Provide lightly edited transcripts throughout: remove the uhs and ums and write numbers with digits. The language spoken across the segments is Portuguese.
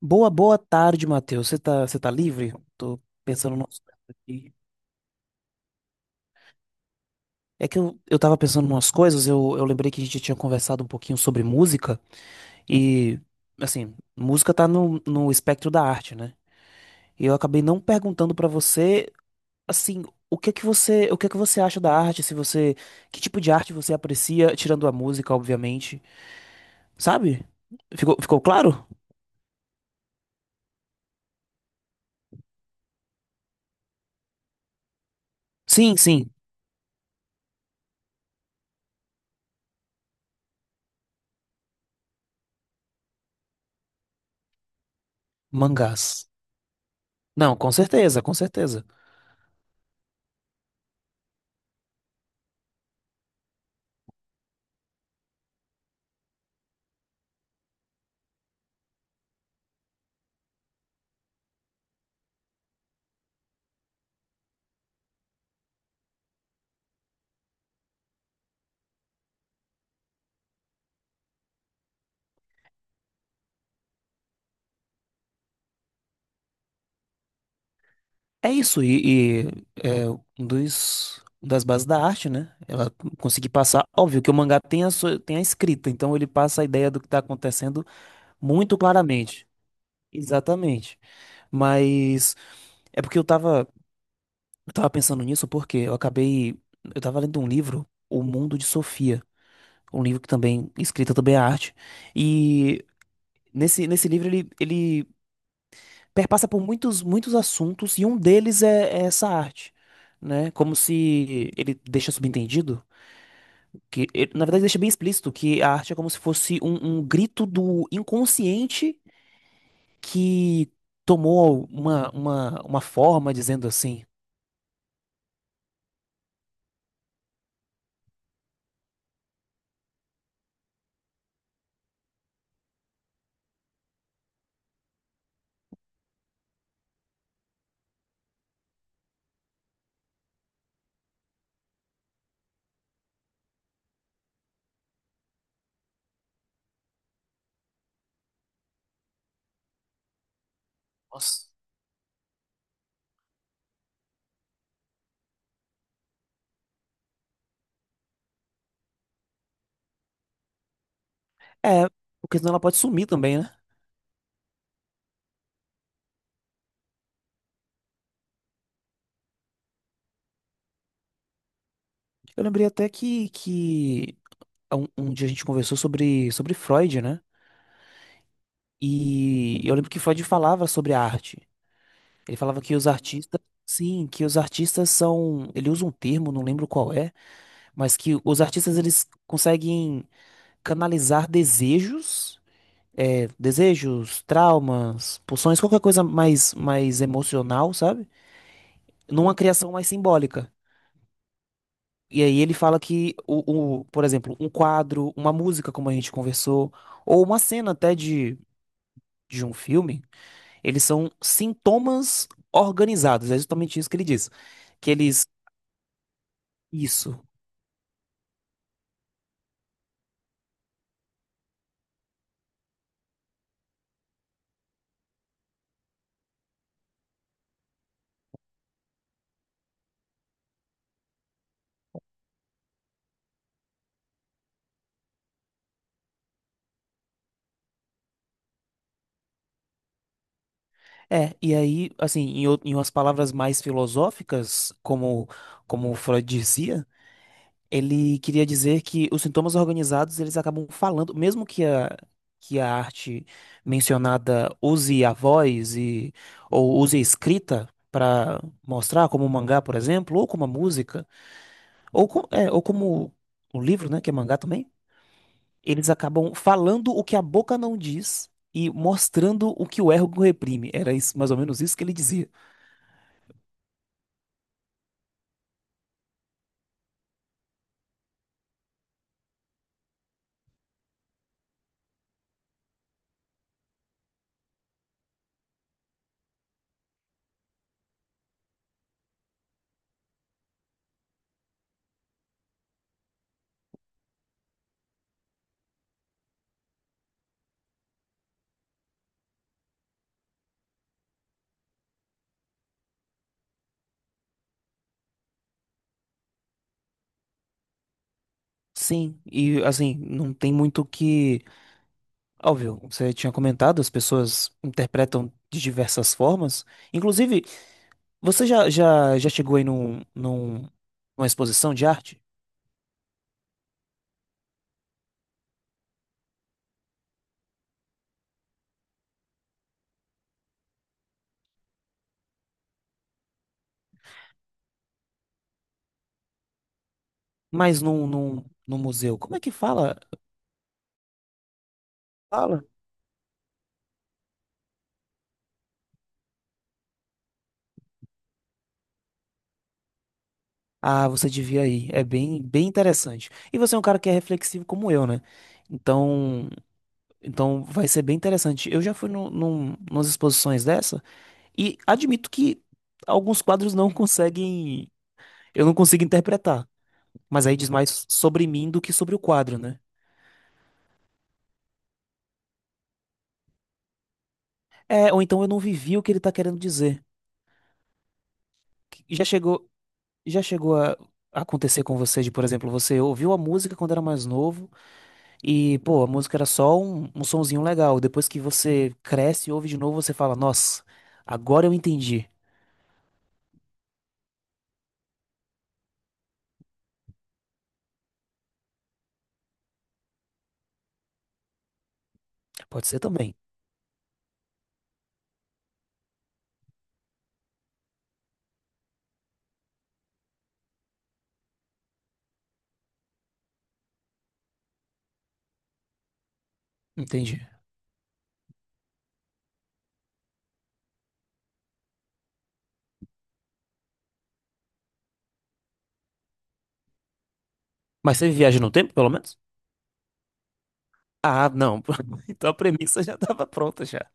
Boa, boa tarde, Matheus. Você tá livre? Tô pensando no coisas aqui. É que eu tava pensando em umas coisas, eu lembrei que a gente tinha conversado um pouquinho sobre música e, assim, música tá no espectro da arte, né? E eu acabei não perguntando pra você, assim, o que é que você acha da arte, se você, que tipo de arte você aprecia, tirando a música, obviamente, sabe? Ficou claro? Sim, sim, mangás. Não, com certeza, com certeza. É isso, e é um dos, uma das bases da arte, né? Ela conseguir passar. Óbvio que o mangá tem tem a escrita, então ele passa a ideia do que está acontecendo muito claramente. Exatamente. Mas é porque eu tava pensando nisso, porque eu acabei. Eu tava lendo um livro, O Mundo de Sofia, um livro que também, escrita também é arte. E nesse livro ele perpassa por muitos assuntos e um deles é essa arte, né? Como se ele deixa subentendido que, ele, na verdade, deixa bem explícito que a arte é como se fosse um grito do inconsciente que tomou uma forma dizendo assim. Nossa. É, porque senão ela pode sumir também, né? Eu lembrei até que um dia a gente conversou sobre Freud, né? E eu lembro que Freud falava sobre a arte. Ele falava que os artistas, sim, que os artistas são, ele usa um termo, não lembro qual é, mas que os artistas eles conseguem canalizar desejos, é, desejos, traumas, pulsões, qualquer coisa mais mais emocional, sabe? Numa criação mais simbólica. E aí ele fala que por exemplo, um quadro, uma música, como a gente conversou, ou uma cena até de um filme, eles são sintomas organizados. É justamente isso que ele diz, que eles isso. É, e aí, assim, em umas palavras mais filosóficas, como Freud dizia, ele queria dizer que os sintomas organizados, eles acabam falando, mesmo que que a arte mencionada use a voz e, ou use a escrita para mostrar, como o mangá, por exemplo, ou como a música, ou, ou como o livro, né, que é mangá também, eles acabam falando o que a boca não diz. E mostrando o que o ego reprime. Era isso, mais ou menos isso que ele dizia. Sim, e assim, não tem muito o que. Óbvio, você tinha comentado, as pessoas interpretam de diversas formas. Inclusive, já chegou aí numa exposição de arte? Mas num museu. Como é que fala? Ah, você devia ir. É bem interessante. E você é um cara que é reflexivo como eu, né? Então, então vai ser bem interessante. Eu já fui nas exposições dessa e admito que alguns quadros não conseguem. Eu não consigo interpretar. Mas aí diz mais sobre mim do que sobre o quadro, né? É, ou então eu não vivi o que ele tá querendo dizer. Já chegou, já chegou a acontecer com você de, por exemplo, você ouviu a música quando era mais novo. E, pô, a música era só um sonzinho legal. Depois que você cresce e ouve de novo, você fala, nossa, agora eu entendi. Pode ser também. Entendi. Mas você viaja no tempo, pelo menos? Ah, não. Então a premissa já tava pronta já.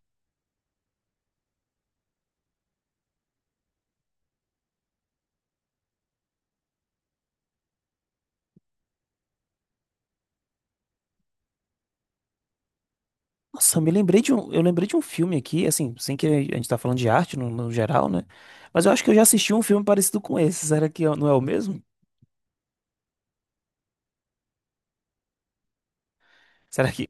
Nossa, eu me lembrei de um, eu lembrei de um filme aqui, assim, sem que a gente tá falando de arte no geral, né? Mas eu acho que eu já assisti um filme parecido com esse. Será que é- não é o mesmo? Será que,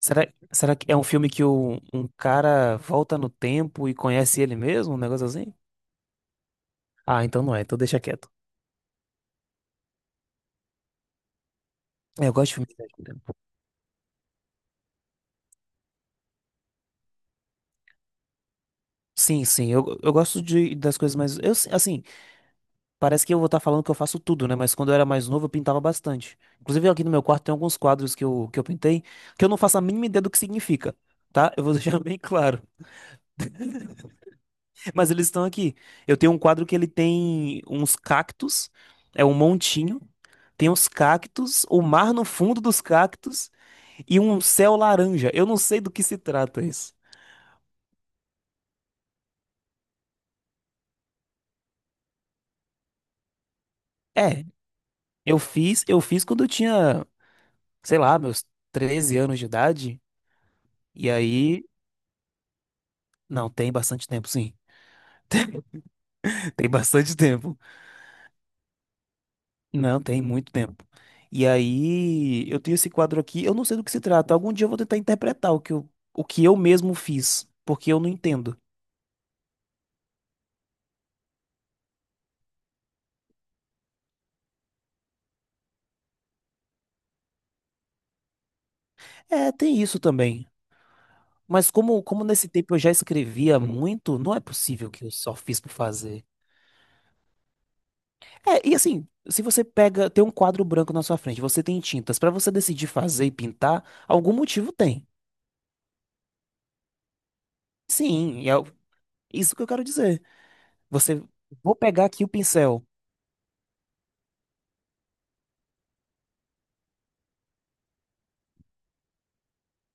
será que é um filme que o, um cara volta no tempo e conhece ele mesmo? Um negócio assim? Ah, então não é, então deixa quieto. É, eu gosto de filme de viaja tempo. Sim, sim, eu gosto de, das coisas mais. Eu, assim, parece que eu vou estar falando que eu faço tudo, né? Mas quando eu era mais novo, eu pintava bastante. Inclusive, aqui no meu quarto tem alguns quadros que eu pintei que eu não faço a mínima ideia do que significa, tá? Eu vou deixar bem claro. Mas eles estão aqui. Eu tenho um quadro que ele tem uns cactos, é um montinho, tem uns cactos, o mar no fundo dos cactos e um céu laranja. Eu não sei do que se trata isso. É, eu fiz quando eu tinha, sei lá, meus 13 anos de idade. E aí, não, tem bastante tempo, sim. Tem bastante tempo. Não, tem muito tempo. E aí, eu tenho esse quadro aqui, eu não sei do que se trata. Algum dia eu vou tentar interpretar o que eu mesmo fiz, porque eu não entendo. É, tem isso também. Mas como nesse tempo eu já escrevia muito, não é possível que eu só fiz por fazer. É, e assim, se você pega, tem um quadro branco na sua frente, você tem tintas, pra você decidir fazer e pintar, algum motivo tem. Sim, isso que eu quero dizer. Você, vou pegar aqui o pincel.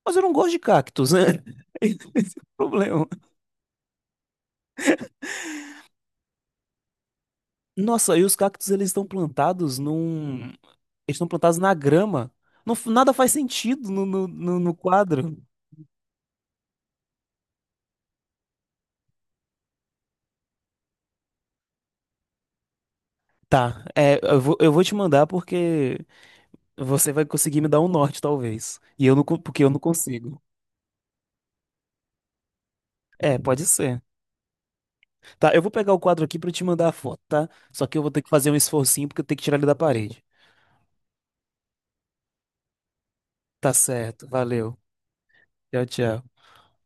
Mas eu não gosto de cactos, né? Esse é o problema. Nossa, e os cactos eles estão plantados num. Eles estão plantados na grama. Não, nada faz sentido no quadro. Tá, é, eu vou te mandar porque você vai conseguir me dar um norte, talvez. E eu não, porque eu não consigo. É, pode ser. Tá, eu vou pegar o quadro aqui pra te mandar a foto, tá? Só que eu vou ter que fazer um esforcinho porque eu tenho que tirar ele da parede. Tá certo, valeu. Tchau, tchau.